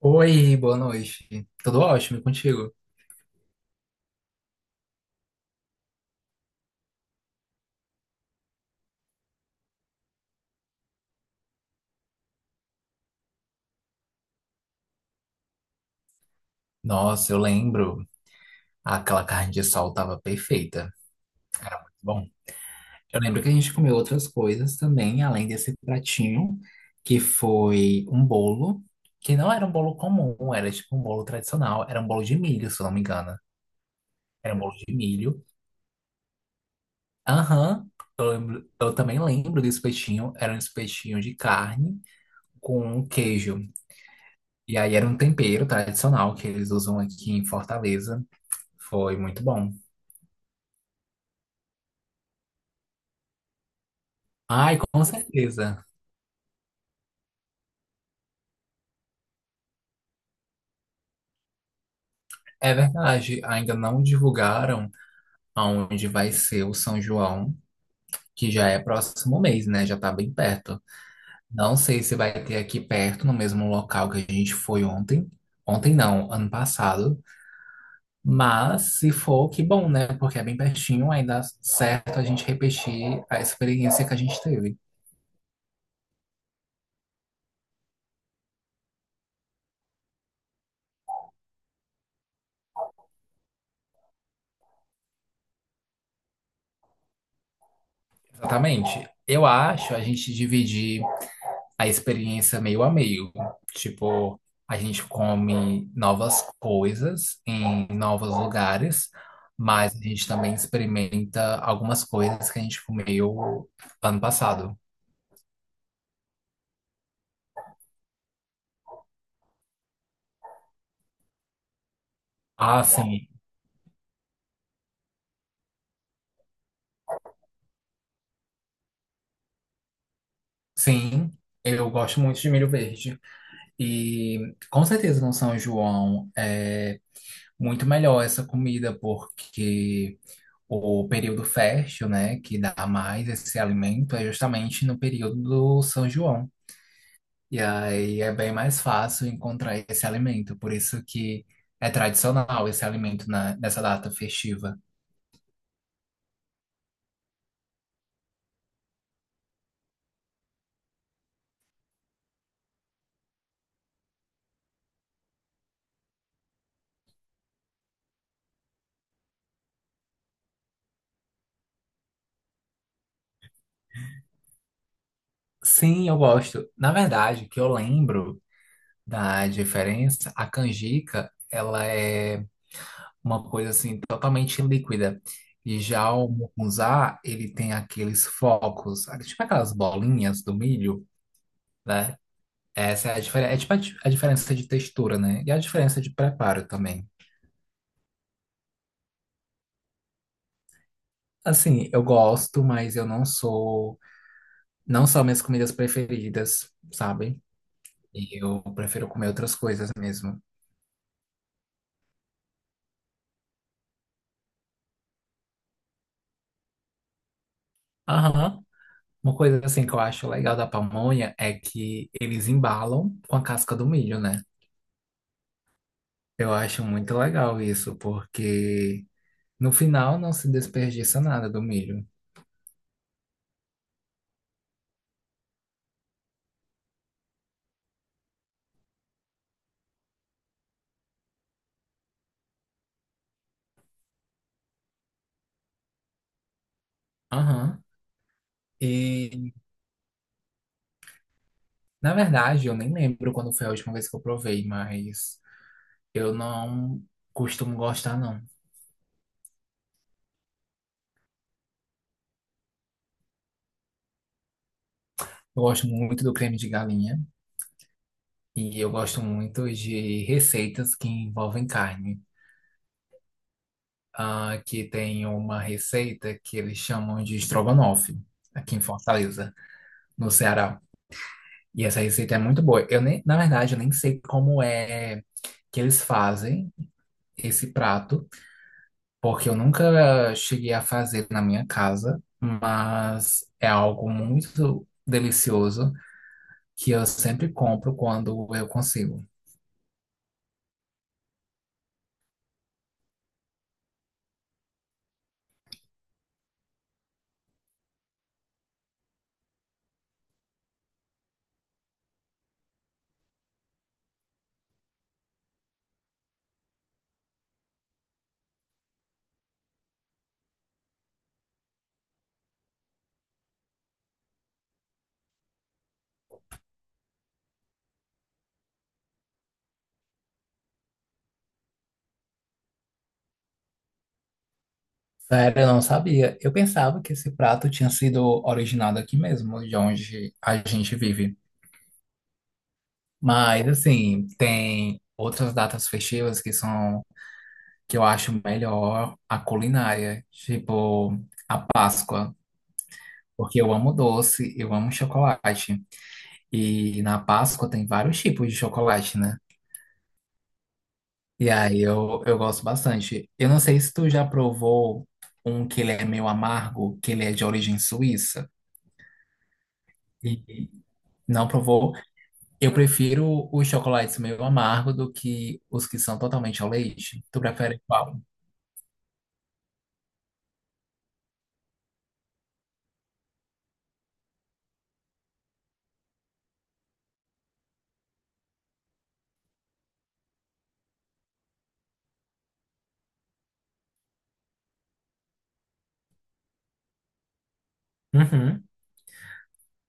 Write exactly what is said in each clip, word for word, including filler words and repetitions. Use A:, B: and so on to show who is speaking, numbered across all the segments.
A: Oi, boa noite. Tudo ótimo e contigo? Nossa, eu lembro. Aquela carne de sol tava perfeita. Bom, eu lembro que a gente comeu outras coisas também, além desse pratinho, que foi um bolo, que não era um bolo comum, era tipo um bolo tradicional, era um bolo de milho, se eu não me engano. Era um bolo de milho. Aham, eu lembro, eu também lembro do espetinho, era um espetinho de carne com queijo. E aí era um tempero tradicional que eles usam aqui em Fortaleza. Foi muito bom. Ai, com certeza. É verdade, ainda não divulgaram aonde vai ser o São João, que já é próximo mês, né? Já tá bem perto. Não sei se vai ter aqui perto, no mesmo local que a gente foi ontem. Ontem não, ano passado. Mas se for, que bom, né? Porque é bem pertinho, ainda dá certo a gente repetir a experiência que a gente teve. Exatamente. Eu acho a gente dividir a experiência meio a meio. Tipo, a gente come novas coisas em novos lugares, mas a gente também experimenta algumas coisas que a gente comeu ano passado. Ah, sim, sim. Eu gosto muito de milho verde. E com certeza no São João é muito melhor essa comida, porque o período fértil, né, que dá mais esse alimento é justamente no período do São João. E aí é bem mais fácil encontrar esse alimento, por isso que é tradicional esse alimento na- nessa data festiva. Sim, eu gosto. Na verdade, que eu lembro da diferença, a canjica, ela é uma coisa assim totalmente líquida. E já o mucunzá, ele tem aqueles focos, tipo aquelas bolinhas do milho, né? Essa é a diferença, é tipo a, di- a diferença de textura, né? E a diferença de preparo também. Assim, eu gosto, mas eu não sou. Não são minhas comidas preferidas, sabe? E eu prefiro comer outras coisas mesmo. Aham. Uma coisa assim que eu acho legal da pamonha é que eles embalam com a casca do milho, né? Eu acho muito legal isso, porque no final não se desperdiça nada do milho. Aham. E, na verdade, eu nem lembro quando foi a última vez que eu provei, mas eu não costumo gostar, não. Eu gosto muito do creme de galinha. E eu gosto muito de receitas que envolvem carne. Ah, aqui tem uma receita que eles chamam de estrogonofe, aqui em Fortaleza, no Ceará. E essa receita é muito boa. Eu nem, na verdade, eu nem sei como é que eles fazem esse prato, porque eu nunca cheguei a fazer na minha casa, mas é algo muito delicioso que eu sempre compro quando eu consigo. Sério, eu não sabia. Eu pensava que esse prato tinha sido originado aqui mesmo, de onde a gente vive. Mas, assim, tem outras datas festivas que são, que eu acho melhor a culinária, tipo a Páscoa, porque eu amo doce, eu amo chocolate. E na Páscoa tem vários tipos de chocolate, né? E aí eu, eu gosto bastante. Eu não sei se tu já provou um que ele é meio amargo, que ele é de origem suíça. E não provou? Eu prefiro os chocolates meio amargo do que os que são totalmente ao leite. Tu prefere qual? Uhum.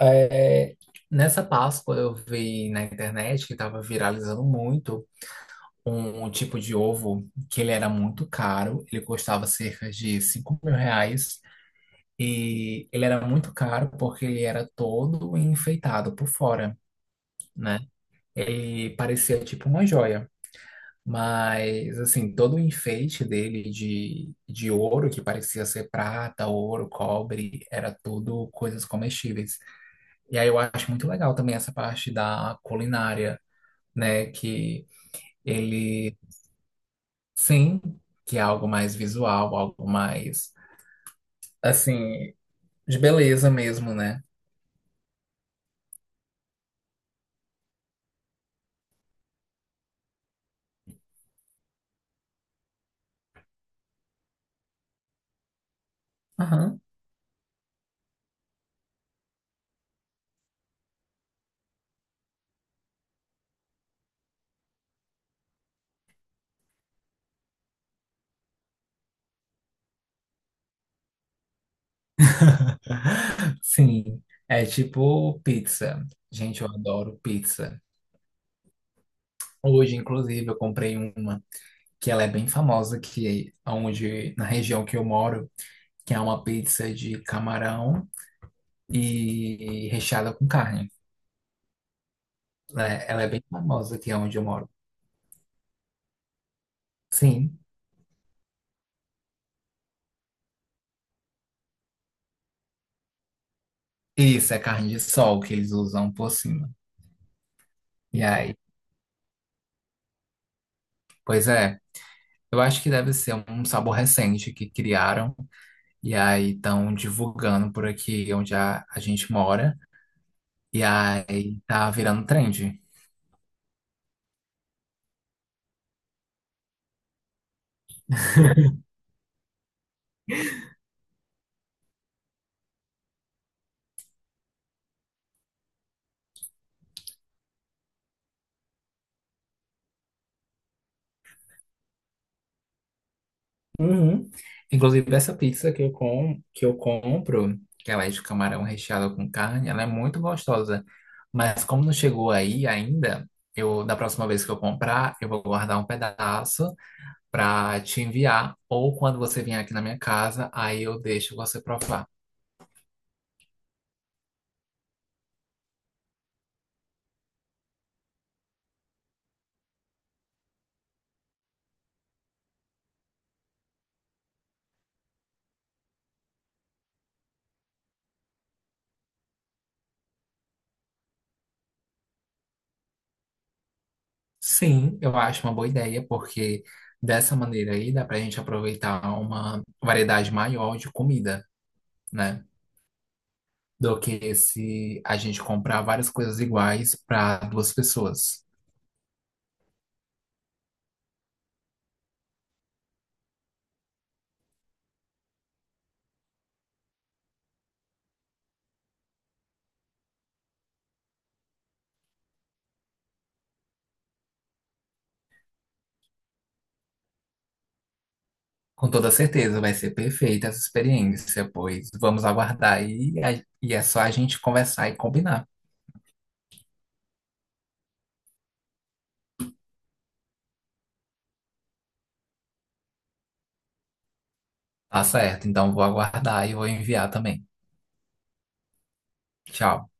A: É, nessa Páscoa eu vi na internet que estava viralizando muito um um tipo de ovo que ele era muito caro. Ele custava cerca de cinco mil reais. E ele era muito caro porque ele era todo enfeitado por fora, né? Ele parecia tipo uma joia. Mas, assim, todo o enfeite dele de, de ouro, que parecia ser prata, ouro, cobre, era tudo coisas comestíveis. E aí eu acho muito legal também essa parte da culinária, né? Que ele, sim, que é algo mais visual, algo mais, assim, de beleza mesmo, né? Aham. Sim, é tipo pizza. Gente, eu adoro pizza. Hoje, inclusive, eu comprei uma que ela é bem famosa, que é onde, na região que eu moro, que é uma pizza de camarão e recheada com carne. Ela é, ela é bem famosa aqui onde eu moro. Sim, isso é carne de sol que eles usam por cima. E aí, pois é, eu acho que deve ser um sabor recente que criaram e aí estão divulgando por aqui onde a, a gente mora. E aí tá virando trend. Uhum. Inclusive, essa pizza que eu, com, que eu compro, que ela é de camarão recheado com carne, ela é muito gostosa. Mas como não chegou aí ainda, eu da próxima vez que eu comprar, eu vou guardar um pedaço para te enviar. Ou quando você vier aqui na minha casa, aí eu deixo você provar. Sim, eu acho uma boa ideia, porque dessa maneira aí dá pra gente aproveitar uma variedade maior de comida, né? Do que se a gente comprar várias coisas iguais para duas pessoas. Com toda certeza vai ser perfeita essa experiência, pois vamos aguardar e, a- e é só a gente conversar e combinar. Tá certo, então vou aguardar e vou enviar também. Tchau.